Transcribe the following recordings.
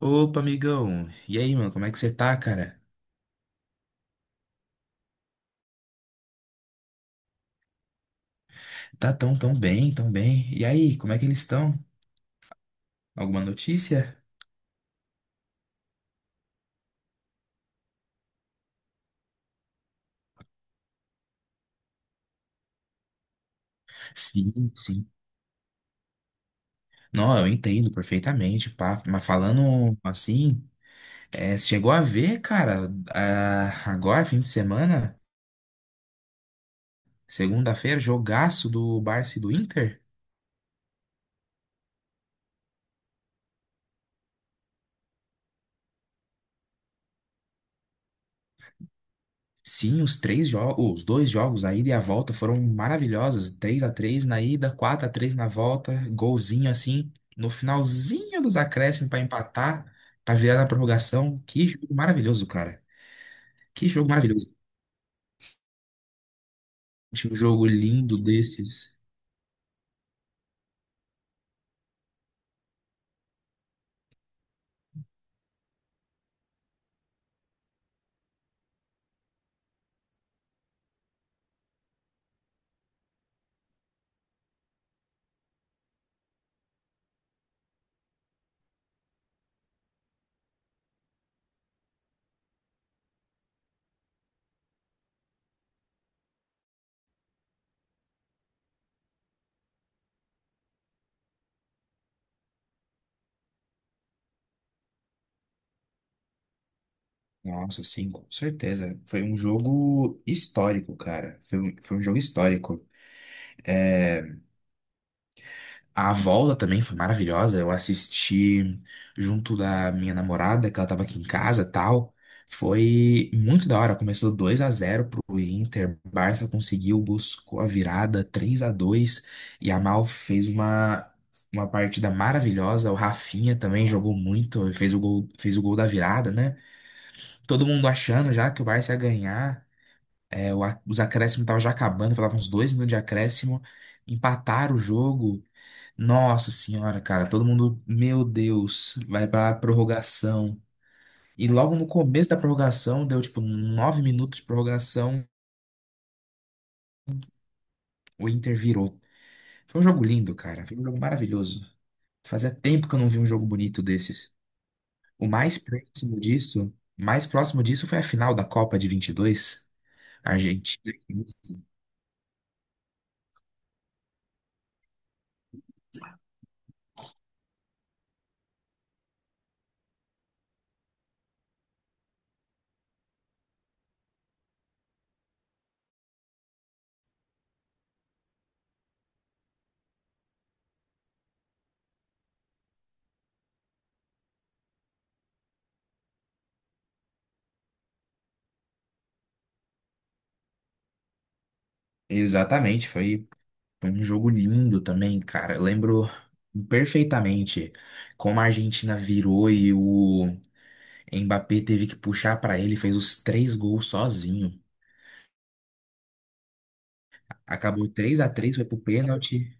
Opa, amigão. E aí, mano, como é que você tá, cara? Tá tão, tão bem, tão bem. E aí, como é que eles estão? Alguma notícia? Sim, sim. Não, eu entendo perfeitamente, pá. Mas falando assim, você chegou a ver, cara, agora, fim de semana, segunda-feira, jogaço do Barça e do Inter? Sim, os três jogos, os dois jogos, a ida e a volta, foram maravilhosos. 3-3 na ida, 4-3 na volta, golzinho assim, no finalzinho dos acréscimos para empatar, para virar na prorrogação. Que jogo maravilhoso, cara. Que jogo maravilhoso. Tinha um jogo lindo desses. Nossa, sim, com certeza. Foi um jogo histórico, cara. Foi um jogo histórico. É, A volta também foi maravilhosa. Eu assisti junto da minha namorada, que ela tava aqui em casa, tal. Foi muito da hora. Começou 2-0 pro Inter. Barça conseguiu, buscou a virada 3-2 e a Mal fez uma partida maravilhosa. O Rafinha também jogou muito, fez o gol da virada, né? Todo mundo achando já que o Barça ia ganhar. Os acréscimos estavam já acabando, faltavam uns 2 minutos de acréscimo. Empataram o jogo. Nossa senhora, cara, todo mundo, meu Deus, vai pra prorrogação. E logo no começo da prorrogação, deu tipo 9 minutos de prorrogação, o Inter virou. Foi um jogo lindo, cara, foi um jogo maravilhoso. Fazia tempo que eu não vi um jogo bonito desses. O mais próximo disso foi a final da Copa de vinte e dois, Argentina. Exatamente, foi um jogo lindo também, cara. Eu lembro perfeitamente como a Argentina virou e o Mbappé teve que puxar pra ele, fez os 3 gols sozinho. Acabou 3-3, foi pro pênalti.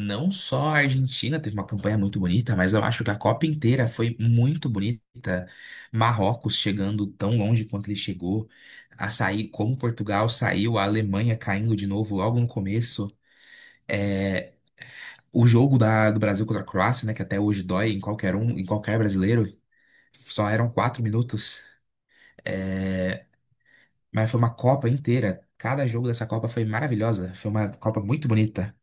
Não só a Argentina teve uma campanha muito bonita, mas eu acho que a Copa inteira foi muito bonita. Marrocos chegando tão longe quanto ele chegou, a sair como Portugal saiu, a Alemanha caindo de novo logo no começo. É, o jogo do Brasil contra a Croácia, né, que até hoje dói em qualquer um, em qualquer brasileiro, só eram 4 minutos. É, Mas foi uma Copa inteira. Cada jogo dessa Copa foi maravilhosa. Foi uma Copa muito bonita.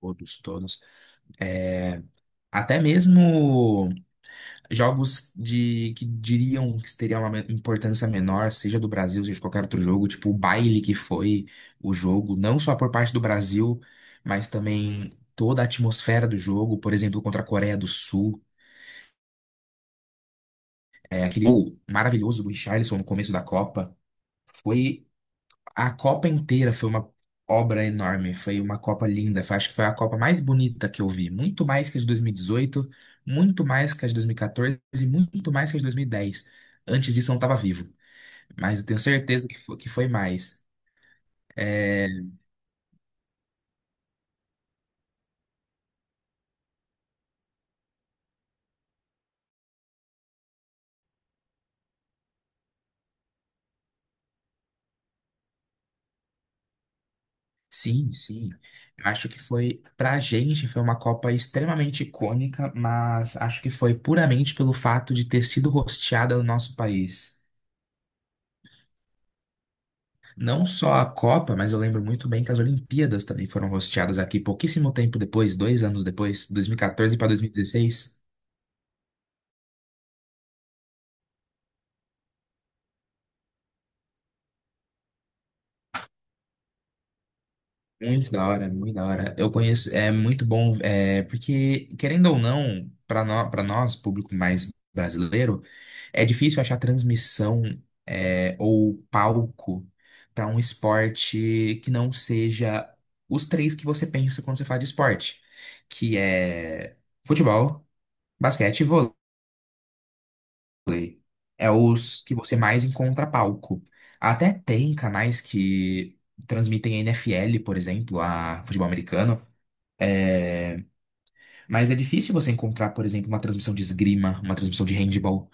Todos, todos. É, até mesmo jogos de que diriam que teriam uma importância menor, seja do Brasil, seja de qualquer outro jogo, tipo o baile que foi o jogo, não só por parte do Brasil, mas também toda a atmosfera do jogo, por exemplo, contra a Coreia do Sul, aquele gol maravilhoso do Richarlison no começo da Copa. Foi A Copa inteira foi uma obra enorme, foi uma Copa linda. Acho que foi a Copa mais bonita que eu vi. Muito mais que a de 2018, muito mais que a de 2014 e quatorze e muito mais que a de 2010. Antes disso eu não estava vivo, mas eu tenho certeza que foi mais. É, sim, sim. Eu acho que foi, pra gente, foi uma Copa extremamente icônica, mas acho que foi puramente pelo fato de ter sido hosteada no nosso país. Não só a Copa, mas eu lembro muito bem que as Olimpíadas também foram hosteadas aqui pouquíssimo tempo depois, 2 anos depois, 2014 para 2016. Muito da hora, muito da hora. Eu conheço, é muito bom, porque, querendo ou não, para nós, público mais brasileiro, é difícil achar transmissão, ou palco para um esporte que não seja os três que você pensa quando você fala de esporte, que é futebol, basquete e vôlei. Play. É os que você mais encontra palco. Até tem canais que transmitem NFL, por exemplo, a futebol americano. É, Mas é difícil você encontrar, por exemplo, uma transmissão de esgrima, uma transmissão de handball,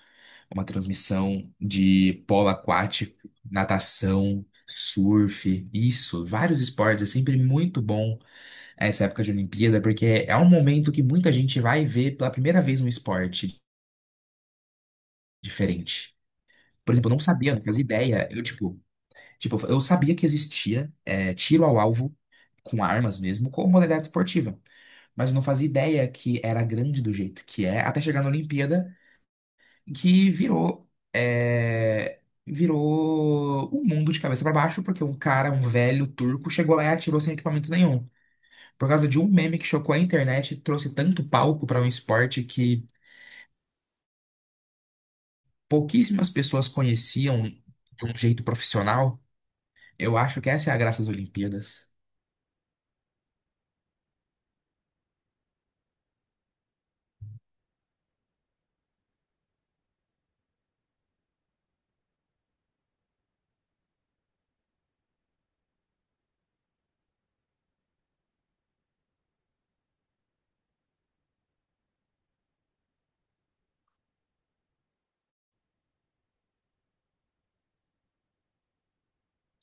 uma transmissão de polo aquático, natação, surf, isso, vários esportes. É sempre muito bom essa época de Olimpíada, porque é um momento que muita gente vai ver pela primeira vez um esporte diferente. Por exemplo, eu não sabia, não fazia ideia. Tipo, eu sabia que existia tiro ao alvo com armas mesmo, como modalidade esportiva, mas não fazia ideia que era grande do jeito que é, até chegar na Olimpíada, que virou um mundo de cabeça pra baixo, porque um cara, um velho turco, chegou lá e atirou sem equipamento nenhum. Por causa de um meme que chocou a internet, trouxe tanto palco pra um esporte que pouquíssimas pessoas conheciam de um jeito profissional. Eu acho que essa é a graça das Olimpíadas.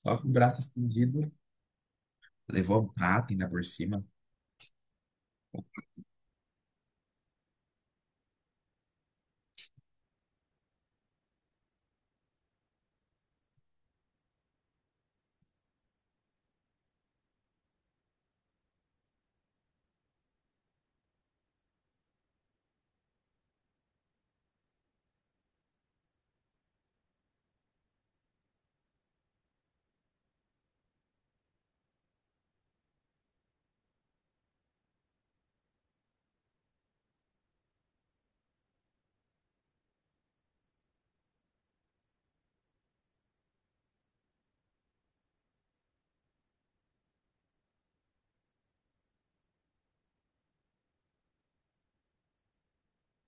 Só com o braço estendido. Levou a prata ainda por cima.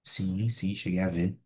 Sim, sim, cheguei a ver.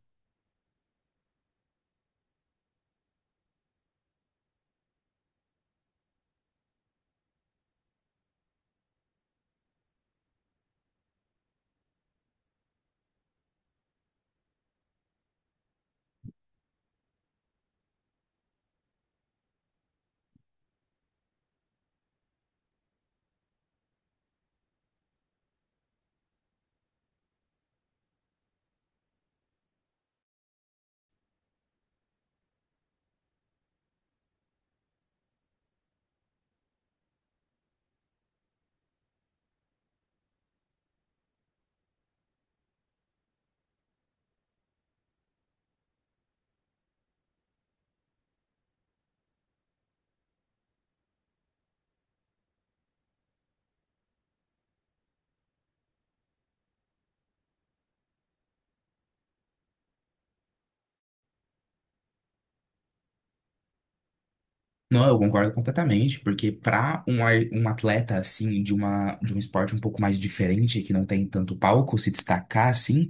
Não, eu concordo completamente, porque para um atleta assim de uma de um esporte um pouco mais diferente, que não tem tanto palco, se destacar assim,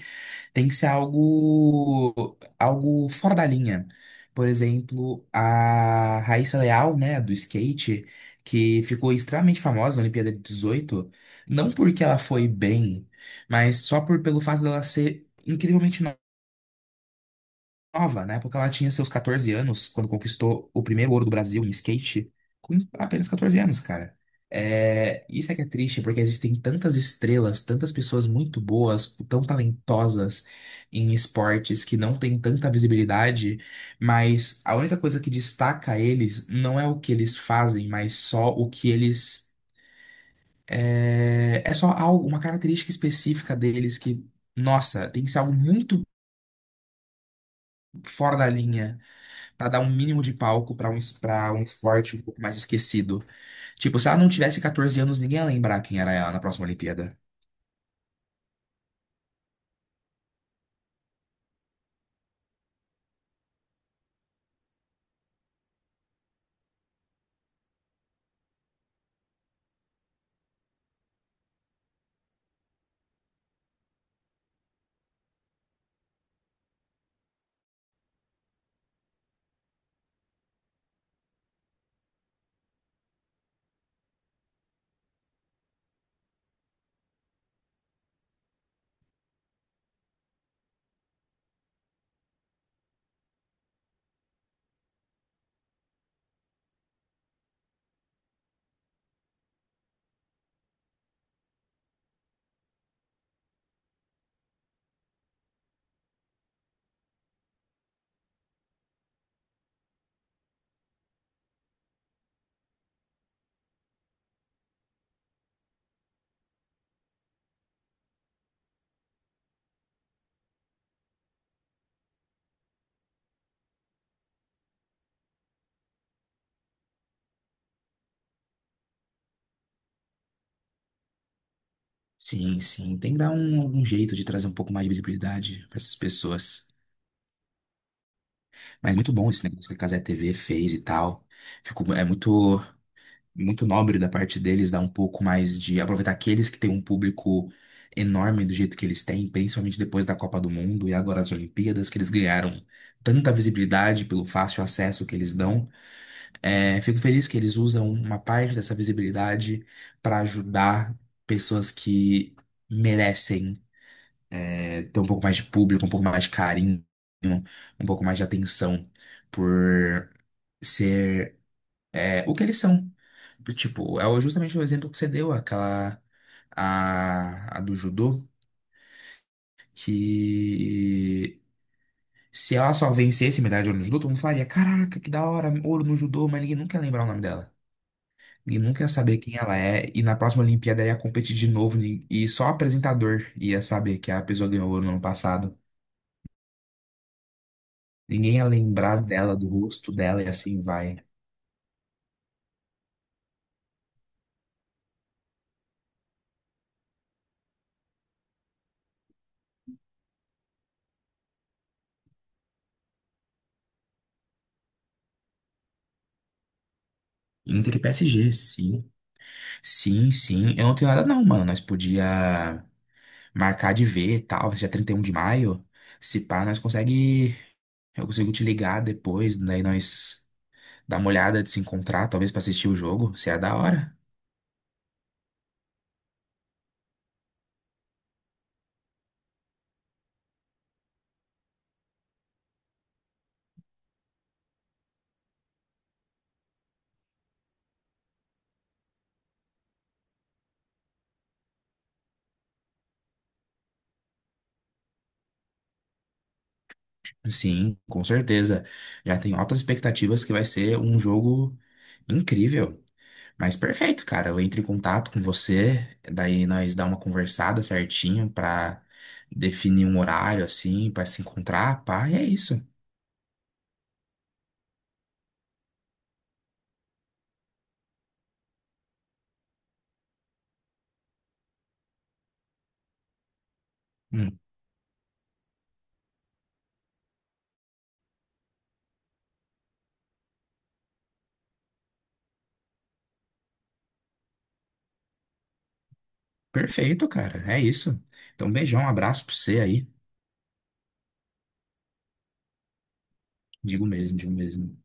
tem que ser algo fora da linha. Por exemplo, a Raíssa Leal, né, do skate, que ficou extremamente famosa na Olimpíada de 18, não porque ela foi bem, mas só por pelo fato dela ser incrivelmente nova. Na época ela tinha seus 14 anos, quando conquistou o primeiro ouro do Brasil em skate, com apenas 14 anos, cara. Isso é que é triste, porque existem tantas estrelas, tantas pessoas muito boas, tão talentosas em esportes que não têm tanta visibilidade, mas a única coisa que destaca eles não é o que eles fazem, mas só o que eles. É só algo, uma característica específica deles que, nossa, tem que ser algo muito fora da linha. Pra dar um mínimo de palco pra pra um esporte um pouco mais esquecido. Tipo, se ela não tivesse 14 anos, ninguém ia lembrar quem era ela na próxima Olimpíada. Sim, sim. Tem que dar algum jeito de trazer um pouco mais de visibilidade pra essas pessoas. Mas muito bom esse negócio que a Cazé TV fez e tal. É muito, muito nobre da parte deles dar um pouco mais de aproveitar aqueles que têm um público enorme do jeito que eles têm, principalmente depois da Copa do Mundo e agora as Olimpíadas, que eles ganharam tanta visibilidade pelo fácil acesso que eles dão. Fico feliz que eles usam uma parte dessa visibilidade para ajudar pessoas que merecem ter um pouco mais de público, um pouco mais de carinho, um pouco mais de atenção por ser o que eles são. Tipo, justamente o exemplo que você deu, aquela a do judô, que se ela só vencesse medalha de ouro no judô, todo mundo falaria, caraca, que da hora, ouro no judô, mas ninguém nunca ia lembrar o nome dela. E nunca ia saber quem ela é. E na próxima Olimpíada ia competir de novo. E só o apresentador ia saber que a pessoa ganhou ouro no ano passado. Ninguém ia lembrar dela, do rosto dela e assim vai. Inter e PSG, sim. Sim, sim. Eu não tenho nada não, mano. Nós podia marcar de ver e tal. Vai ser dia 31 de maio. Se pá, nós consegue. Eu consigo te ligar depois. Daí nós dá uma olhada de se encontrar, talvez pra assistir o jogo. Se é da hora. Sim, com certeza. Já tenho altas expectativas que vai ser um jogo incrível. Mas perfeito, cara. Eu entro em contato com você, daí nós dá uma conversada certinho pra definir um horário assim, pra se encontrar, pá, e é isso. Hum, perfeito, cara. É isso. Então, beijão, um abraço pra você aí. Digo mesmo, digo mesmo.